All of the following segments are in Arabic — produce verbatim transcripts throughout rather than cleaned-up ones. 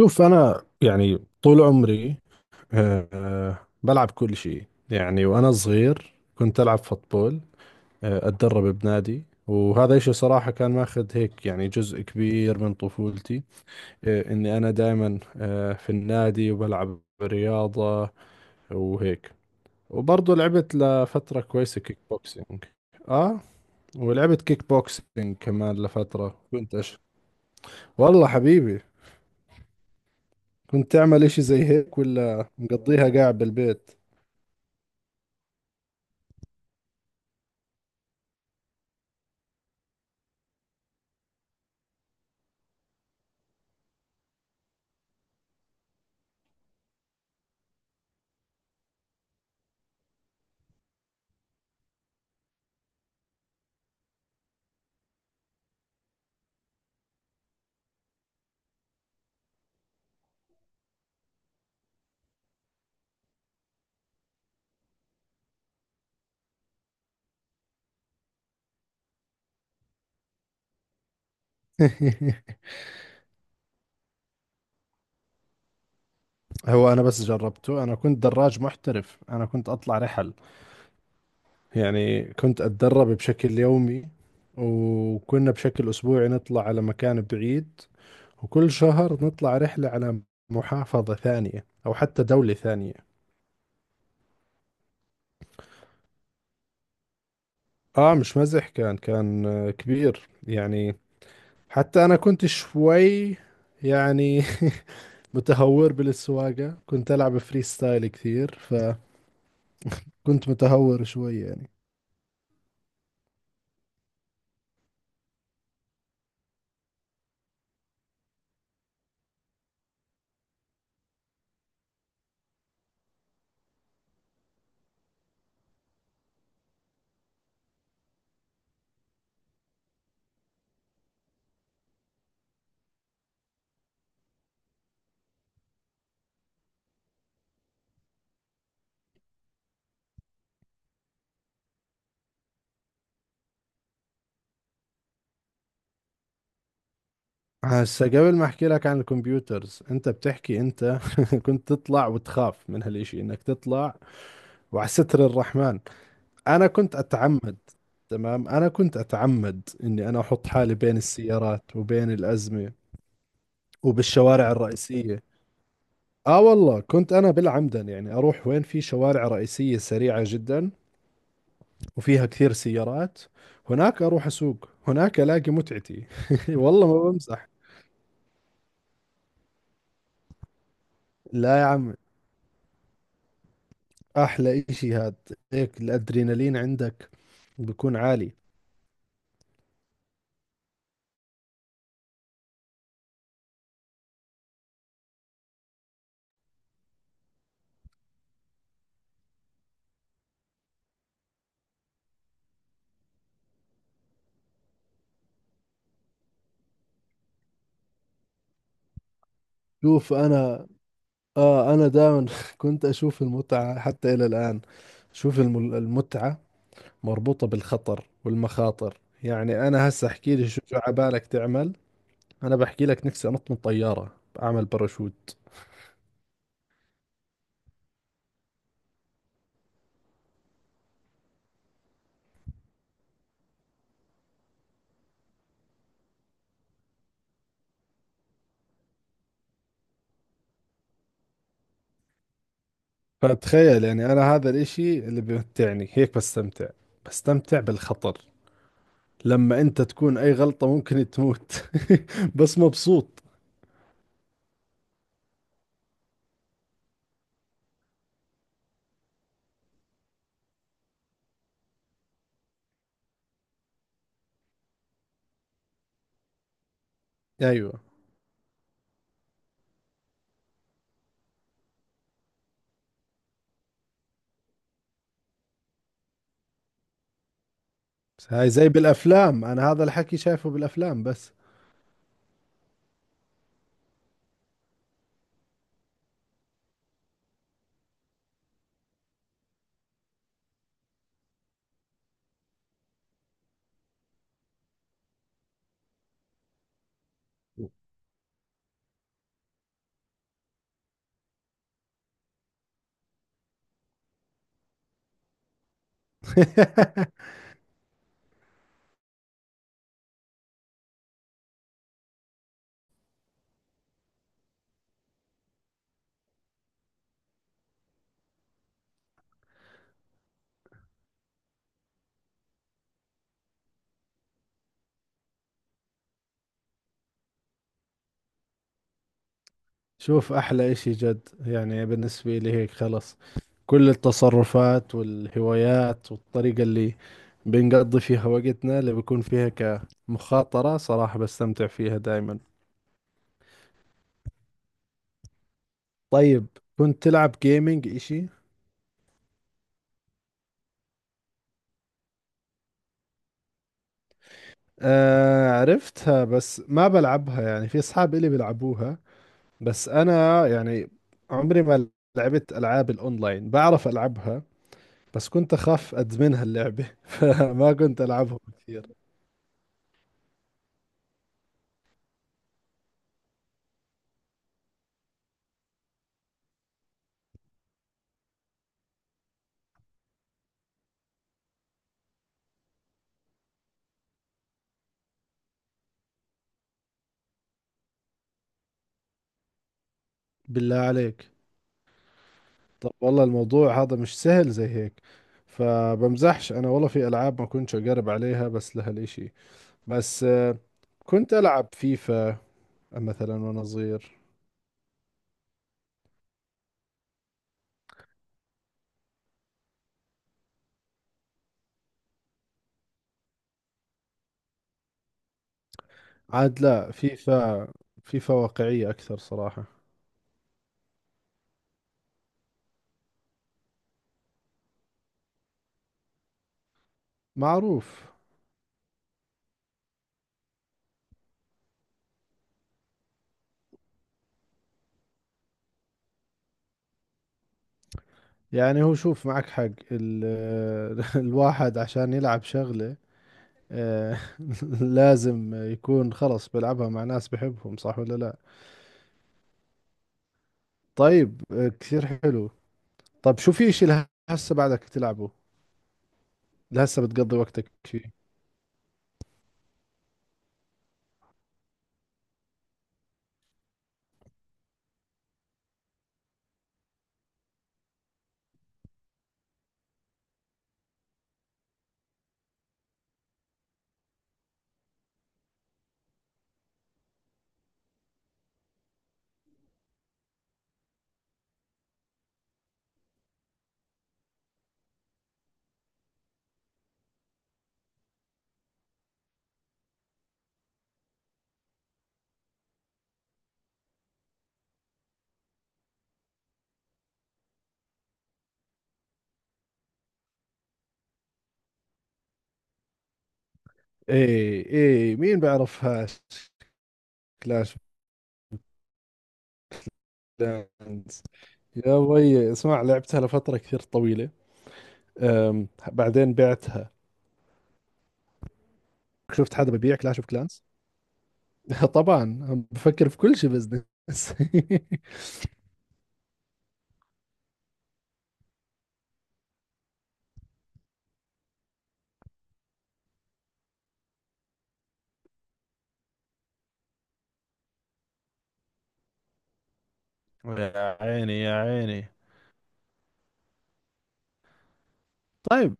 شوف. أنا يعني طول عمري آه، آه، بلعب كل شيء، يعني وأنا صغير كنت ألعب فوتبول. آه، أتدرب بنادي، وهذا إشي صراحة كان ماخذ هيك يعني جزء كبير من طفولتي. آه، إني أنا دائما في النادي وبلعب رياضة وهيك. وبرضه لعبت لفترة كويسة كيك بوكسينج. آه. ولعبت كيك بوكسينج كمان لفترة، كنت أش... والله حبيبي كنت تعمل إشي زي هيك ولا مقضيها قاعد بالبيت؟ هو أنا بس جربته، أنا كنت دراج محترف، أنا كنت أطلع رحل. يعني كنت أتدرب بشكل يومي، وكنا بشكل أسبوعي نطلع على مكان بعيد، وكل شهر نطلع رحلة على محافظة ثانية أو حتى دولة ثانية. آه مش مزح، كان كان آه، كبير يعني. حتى أنا كنت شوي يعني متهور بالسواقة، كنت ألعب فري ستايل كثير، فكنت متهور شوي يعني. هسه قبل ما احكي لك عن الكمبيوترز، انت بتحكي انت كنت تطلع وتخاف من هالاشي، انك تطلع وعلى ستر الرحمن. انا كنت اتعمد، تمام، انا كنت اتعمد اني انا احط حالي بين السيارات وبين الازمة، وبالشوارع الرئيسية. اه والله كنت انا بالعمدا، يعني اروح وين؟ في شوارع رئيسية سريعة جدا وفيها كثير سيارات. هناك اروح اسوق، هناك الاقي متعتي. والله ما بمزح. لا يا عم، احلى اشي هاد. هيك الادرينالين عندك بيكون عالي. شوف انا، اه انا دائما كنت اشوف المتعة حتى الى الان. شوف الم- المتعة مربوطة بالخطر والمخاطر. يعني انا هسه احكي لي، شو شو عبالك تعمل؟ انا بحكي لك نفسي انط من طيارة، اعمل باراشوت. فتخيل يعني، انا هذا الاشي اللي بمتعني، هيك بستمتع، بستمتع بالخطر. لما انت تكون اي غلطة ممكن تموت بس مبسوط. ايوه. بس هاي زي بالافلام، انا هذا الحكي شايفه بالافلام بس. شوف احلى اشي جد، يعني بالنسبة لي هيك خلص، كل التصرفات والهوايات والطريقة اللي بنقضي فيها وقتنا، اللي بيكون فيها كمخاطرة، صراحة بستمتع فيها دائما. طيب، كنت تلعب جيمنج اشي؟ آه عرفتها بس ما بلعبها، يعني في اصحاب الي بيلعبوها، بس انا يعني عمري ما لعبت العاب الاونلاين، بعرف العبها بس كنت أخاف أدمنها اللعبة، فما كنت ألعبهم كثير. بالله عليك؟ طب والله الموضوع هذا مش سهل زي هيك، فبمزحش أنا والله، في ألعاب ما كنتش أقرب عليها بس لهالإشي. بس آه، كنت ألعب فيفا مثلا وأنا صغير. عاد لا، فيفا، فيفا واقعية أكثر صراحة. معروف. يعني هو شوف، معك حق ال... الواحد عشان يلعب شغلة آه، لازم يكون خلص بلعبها مع ناس بحبهم، صح ولا لا؟ طيب، آه، كثير حلو. طب شو، في اشي لهسه بعدك تلعبه؟ لهسه بتقضي وقتك فيه؟ ايه ايه مين بعرفهاش، كلاش بلاندز. يا وي اسمع، لعبتها لفترة كثير طويلة، أم بعدين بعتها. شفت حدا ببيع كلاش اوف كلانس؟ طبعا، عم بفكر في كل شيء بزنس. يا عيني يا عيني. طيب،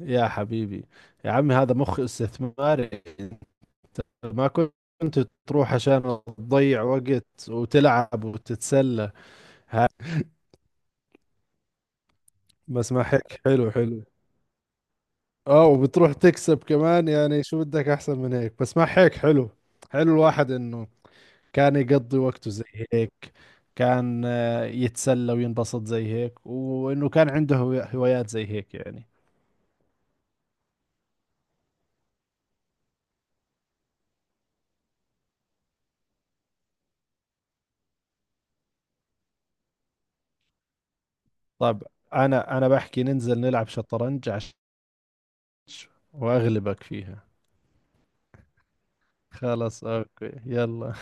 يا حبيبي، يا عمي هذا مخ استثماري. أنت ما كنت تروح عشان تضيع وقت وتلعب وتتسلى. ها؟ بس ما هيك حلو، حلو. اه، وبتروح تكسب كمان، يعني شو بدك احسن من هيك؟ بس ما هيك حلو. حلو الواحد انه كان يقضي وقته زي هيك، كان آه، يتسلى وينبسط زي هيك، وانه كان عنده هو- هوايات زي هيك يعني. طب، انا انا بحكي ننزل نلعب شطرنج عش، واغلبك فيها. خلاص، اوكي، يلا.